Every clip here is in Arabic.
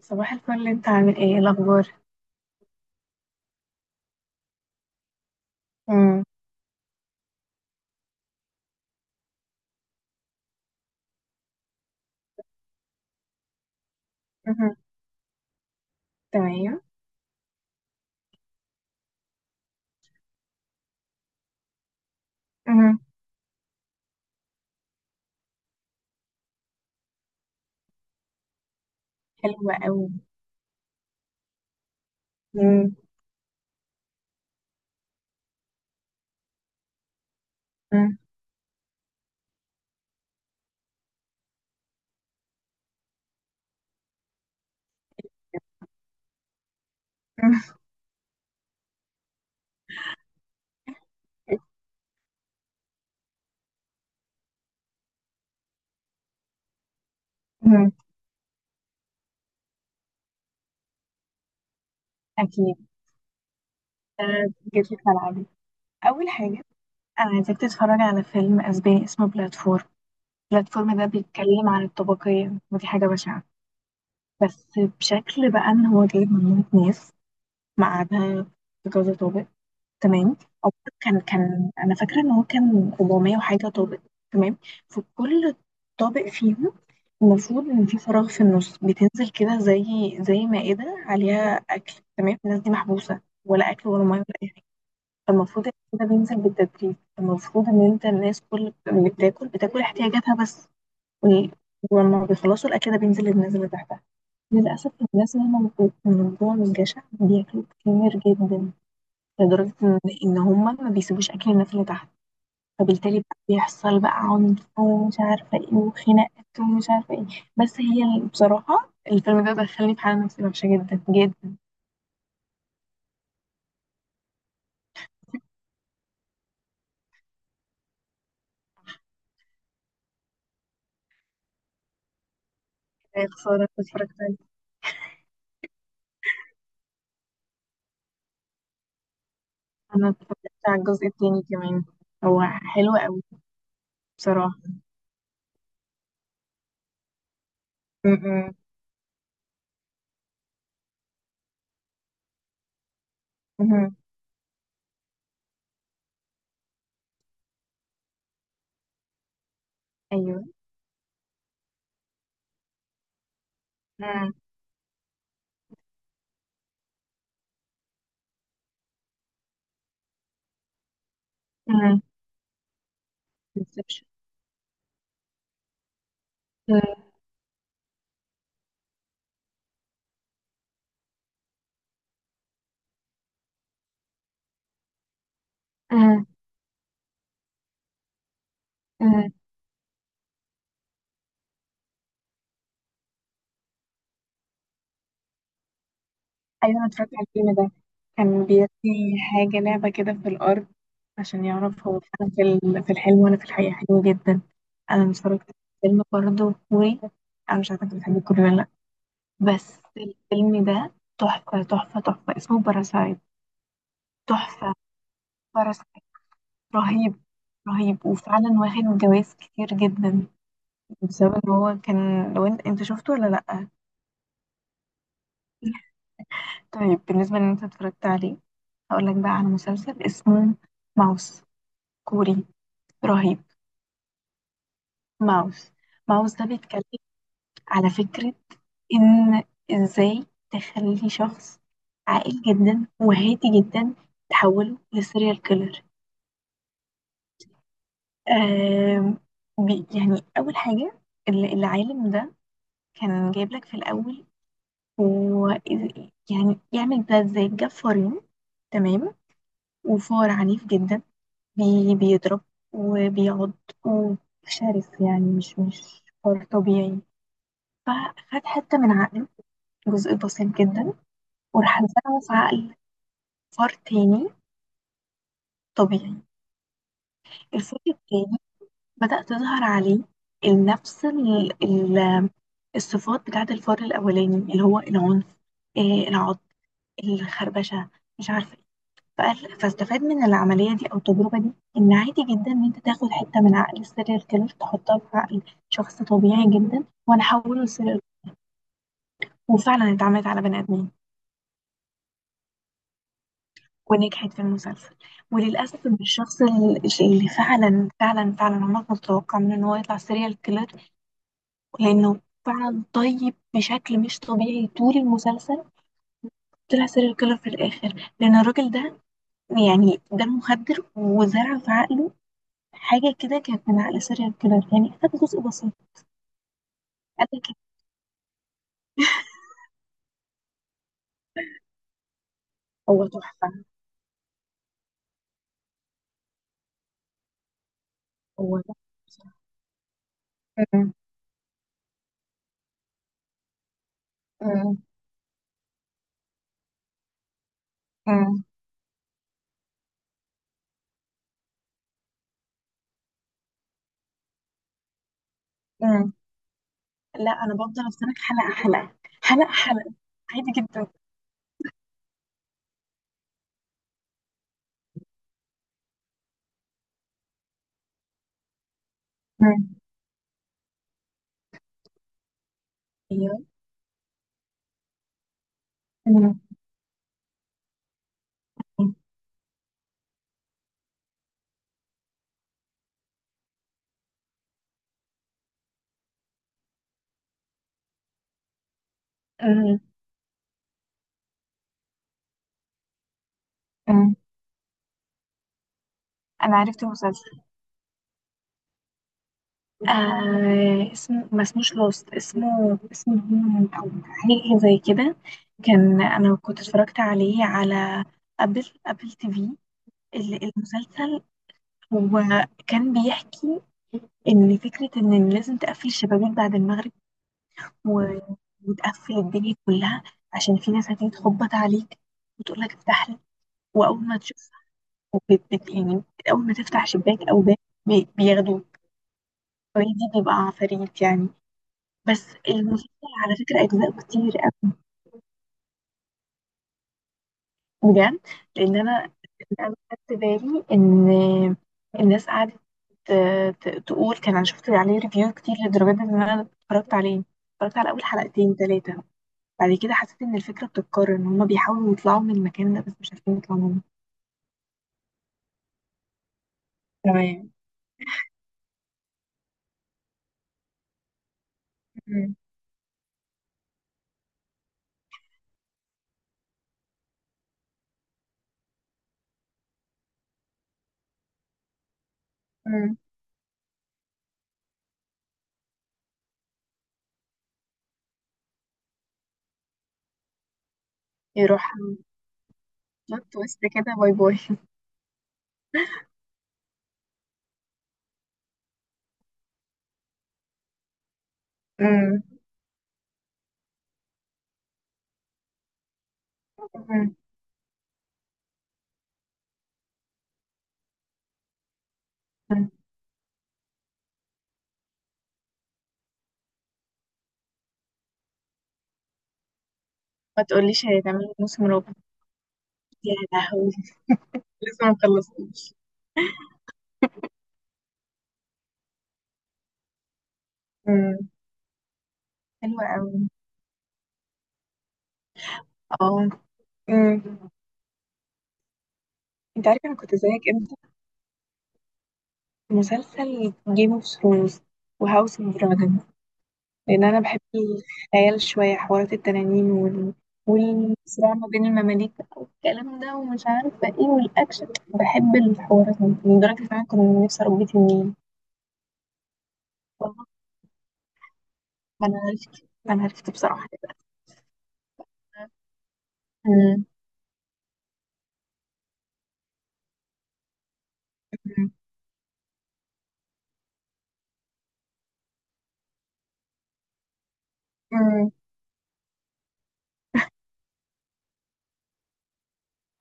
صباح الفل، انت عامل ايه؟ ايه الاخبار؟ مم. مهم. تمام. مهم. حلوة قوي. مم. مم. مهم. اكيد. آه، جيت لي في ملعبي. اول حاجه، انا عايزاك تتفرج على فيلم اسباني اسمه بلاتفورم. بلاتفورم ده بيتكلم عن الطبقيه، ودي حاجه بشعه، بس بشكل بقى ان هو جايب مجموعه ناس مقعدها في كذا طابق. تمام او كان انا فاكره ان هو كان 400 وحاجه طابق. تمام، فكل طابق فيهم المفروض ان في فراغ في النص بتنزل كده، زي زي مائده عليها اكل. تمام، الناس دي محبوسه، ولا اكل ولا ميه ولا اي حاجه، فالمفروض ان كده بينزل بالتدريج. المفروض ان الناس كل اللي بتاكل بتاكل احتياجاتها بس، وال- ولما بيخلصوا الاكل ده بينزل للناس اللي تحتها. للاسف الناس اللي هم من جوه من الجشع بياكلوا كتير جدا، لدرجة إن هما ما بيسيبوش أكل الناس اللي تحت، فبالتالي بقى بيحصل بقى عنف ومش عارفة إيه وخناقات ومش عارفة إيه. بصراحة الفيلم ده دخلني في حالة نفسية وحشة جدا جدا. يا خسارة كنت اتفرجت عليه! أنا اتفرجت على الجزء التاني كمان، هو حلو أوي بصراحة. م- م- م- أيوه. م- م- Inception. م- م- أيوة، أنا اتفرجت على الفيلم ده. كان بيرمي حاجة لعبة كده في الأرض عشان يعرف هو أنا في في الحلم وأنا في الحقيقة. حلو جدا. أنا اتفرجت على فيلم برضه كوري، أنا مش عارفة أنت بتحب الكوري ولا لأ، بس الفيلم ده تحفة تحفة تحفة، اسمه باراسايت. تحفة. باراسايت. رهيب. رهيب، وفعلا واخد جوايز كتير جدا بسبب ان هو كان. لو انت شفته ولا لأ؟ طيب بالنسبة ان انت اتفرجت عليه، هقول لك بقى على مسلسل اسمه ماوس. كوري. رهيب. ماوس ماوس ده بيتكلم على فكرة إن إزاي تخلي شخص عاقل جدا وهادي جدا تحوله لسيريال كيلر. آم، أول حاجة، العالم ده كان جايب لك في الأول هو يعمل ده إزاي. جاب فارين، تمام، وفار عنيف جدا، بيضرب وبيعض وشرس، يعني مش فار طبيعي. فخد حتة من عقله، جزء بسيط جدا، وراح نزرعه في عقل فار تاني طبيعي. الفار التاني بدأ تظهر عليه نفس الصفات بتاعة الفار الأولاني، اللي هو العنف، العض، الخربشة، مش عارفة ايه. فاستفاد من العملية دي أو التجربة دي إن عادي جدا إن أنت تاخد حتة من عقل السيريال كيلر تحطها في عقل شخص طبيعي جدا وأنا أحوله لسيريال. وفعلا اتعملت على بني آدمين. ونجحت في المسلسل. وللأسف إن الشخص اللي فعلا فعلا فعلا عمرك ما تتوقع منه إن هو يطلع سيريال كيلر، لأنه فعلا طيب بشكل مش طبيعي طول المسلسل، طلع سيريال كيلر في الآخر، لأن الراجل ده يعني ده مخدر وزرع في عقله حاجة كده كانت من عقل سيريال كيلر، يعني خد جزء بسيط. قال لك. هو تحفة. هو تحفة بصراحة. أمم، أمم، أمم، أمم. لا، أنا بفضل أستنى حلقة حلقة حلقة حلقة. عادي جدا. أمم. مم. آه، آه، انا عرفت المسلسل. آه، اسمه ما اسموش لوست، اسمه اسمه هيومن او حاجه زي كده. كان انا كنت اتفرجت عليه على ابل تي في. المسلسل هو كان بيحكي ان فكره ان لازم تقفل الشبابيك بعد المغرب و- وتقفل الدنيا كلها، عشان في ناس هتيجي تخبط عليك وتقول لك افتح لي، واول ما تشوف، بت- بت- يعني اول ما تفتح شباك او باب بياخدوك. هويدي بيبقى عفاريت يعني. بس المسلسل على فكرة أجزاء كتير أوي، بجد، لأن أنا خدت بالي إن الناس قعدت تقول. كان أنا شفت عليه ريفيو كتير لدرجة إن أنا اتفرجت عليه. اتفرجت على أول حلقتين تلاتة، بعد كده حسيت إن الفكرة بتتكرر، إن هما بيحاولوا يطلعوا من المكان ده بس مش عارفين يطلعوا منه. تمام. مم. مم. يروح بلوت تويست كده، باي باي. مم. مم. مم. ما تقوليش هتعملي موسم رابع! يا لهوي، لسه ما خلصتوش! امم، حلوة قوي. اه. امم. انت عارفة انا كنت زيك امتى؟ مسلسل جيم اوف ثرونز وهاوس اوف دراجون، لان انا بحب الخيال شوية، حوارات التنانين والصراع ما بين المماليك بقى والكلام ده ومش عارفة ايه والاكشن، بحب الحوارات دي، لدرجة ان انا كنت نفسي اربي تنين. والله ما انا عرفت بصراحة دلوقتي. امم.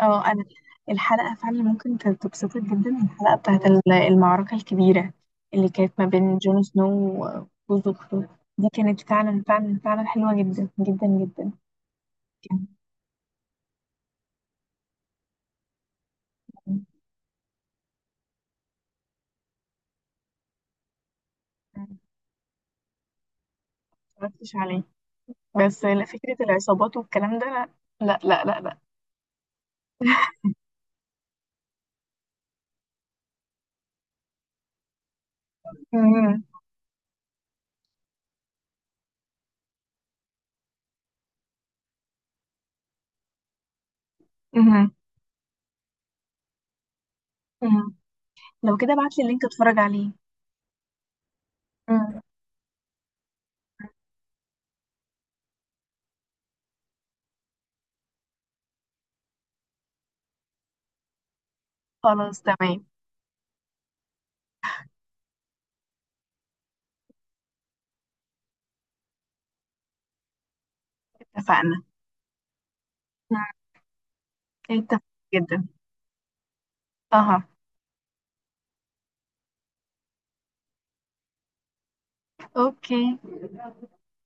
اه انا. الحلقه فعلا ممكن تبسطك جدا، الحلقه بتاعت المعركه الكبيره اللي كانت ما بين جون سنو وجوز اخته، دي كانت فعلا فعلا فعلا حلوه جدا جدا جدا. كان- ما اتفرجتش عليه، بس لا، فكره العصابات والكلام ده لا. لا لا لا لا. مم. مم. مم. لو كده ابعت لي اللينك اتفرج عليه. مم. خلاص تمام، اتفقنا. مم. اتفقنا جدا. اها. اوكي.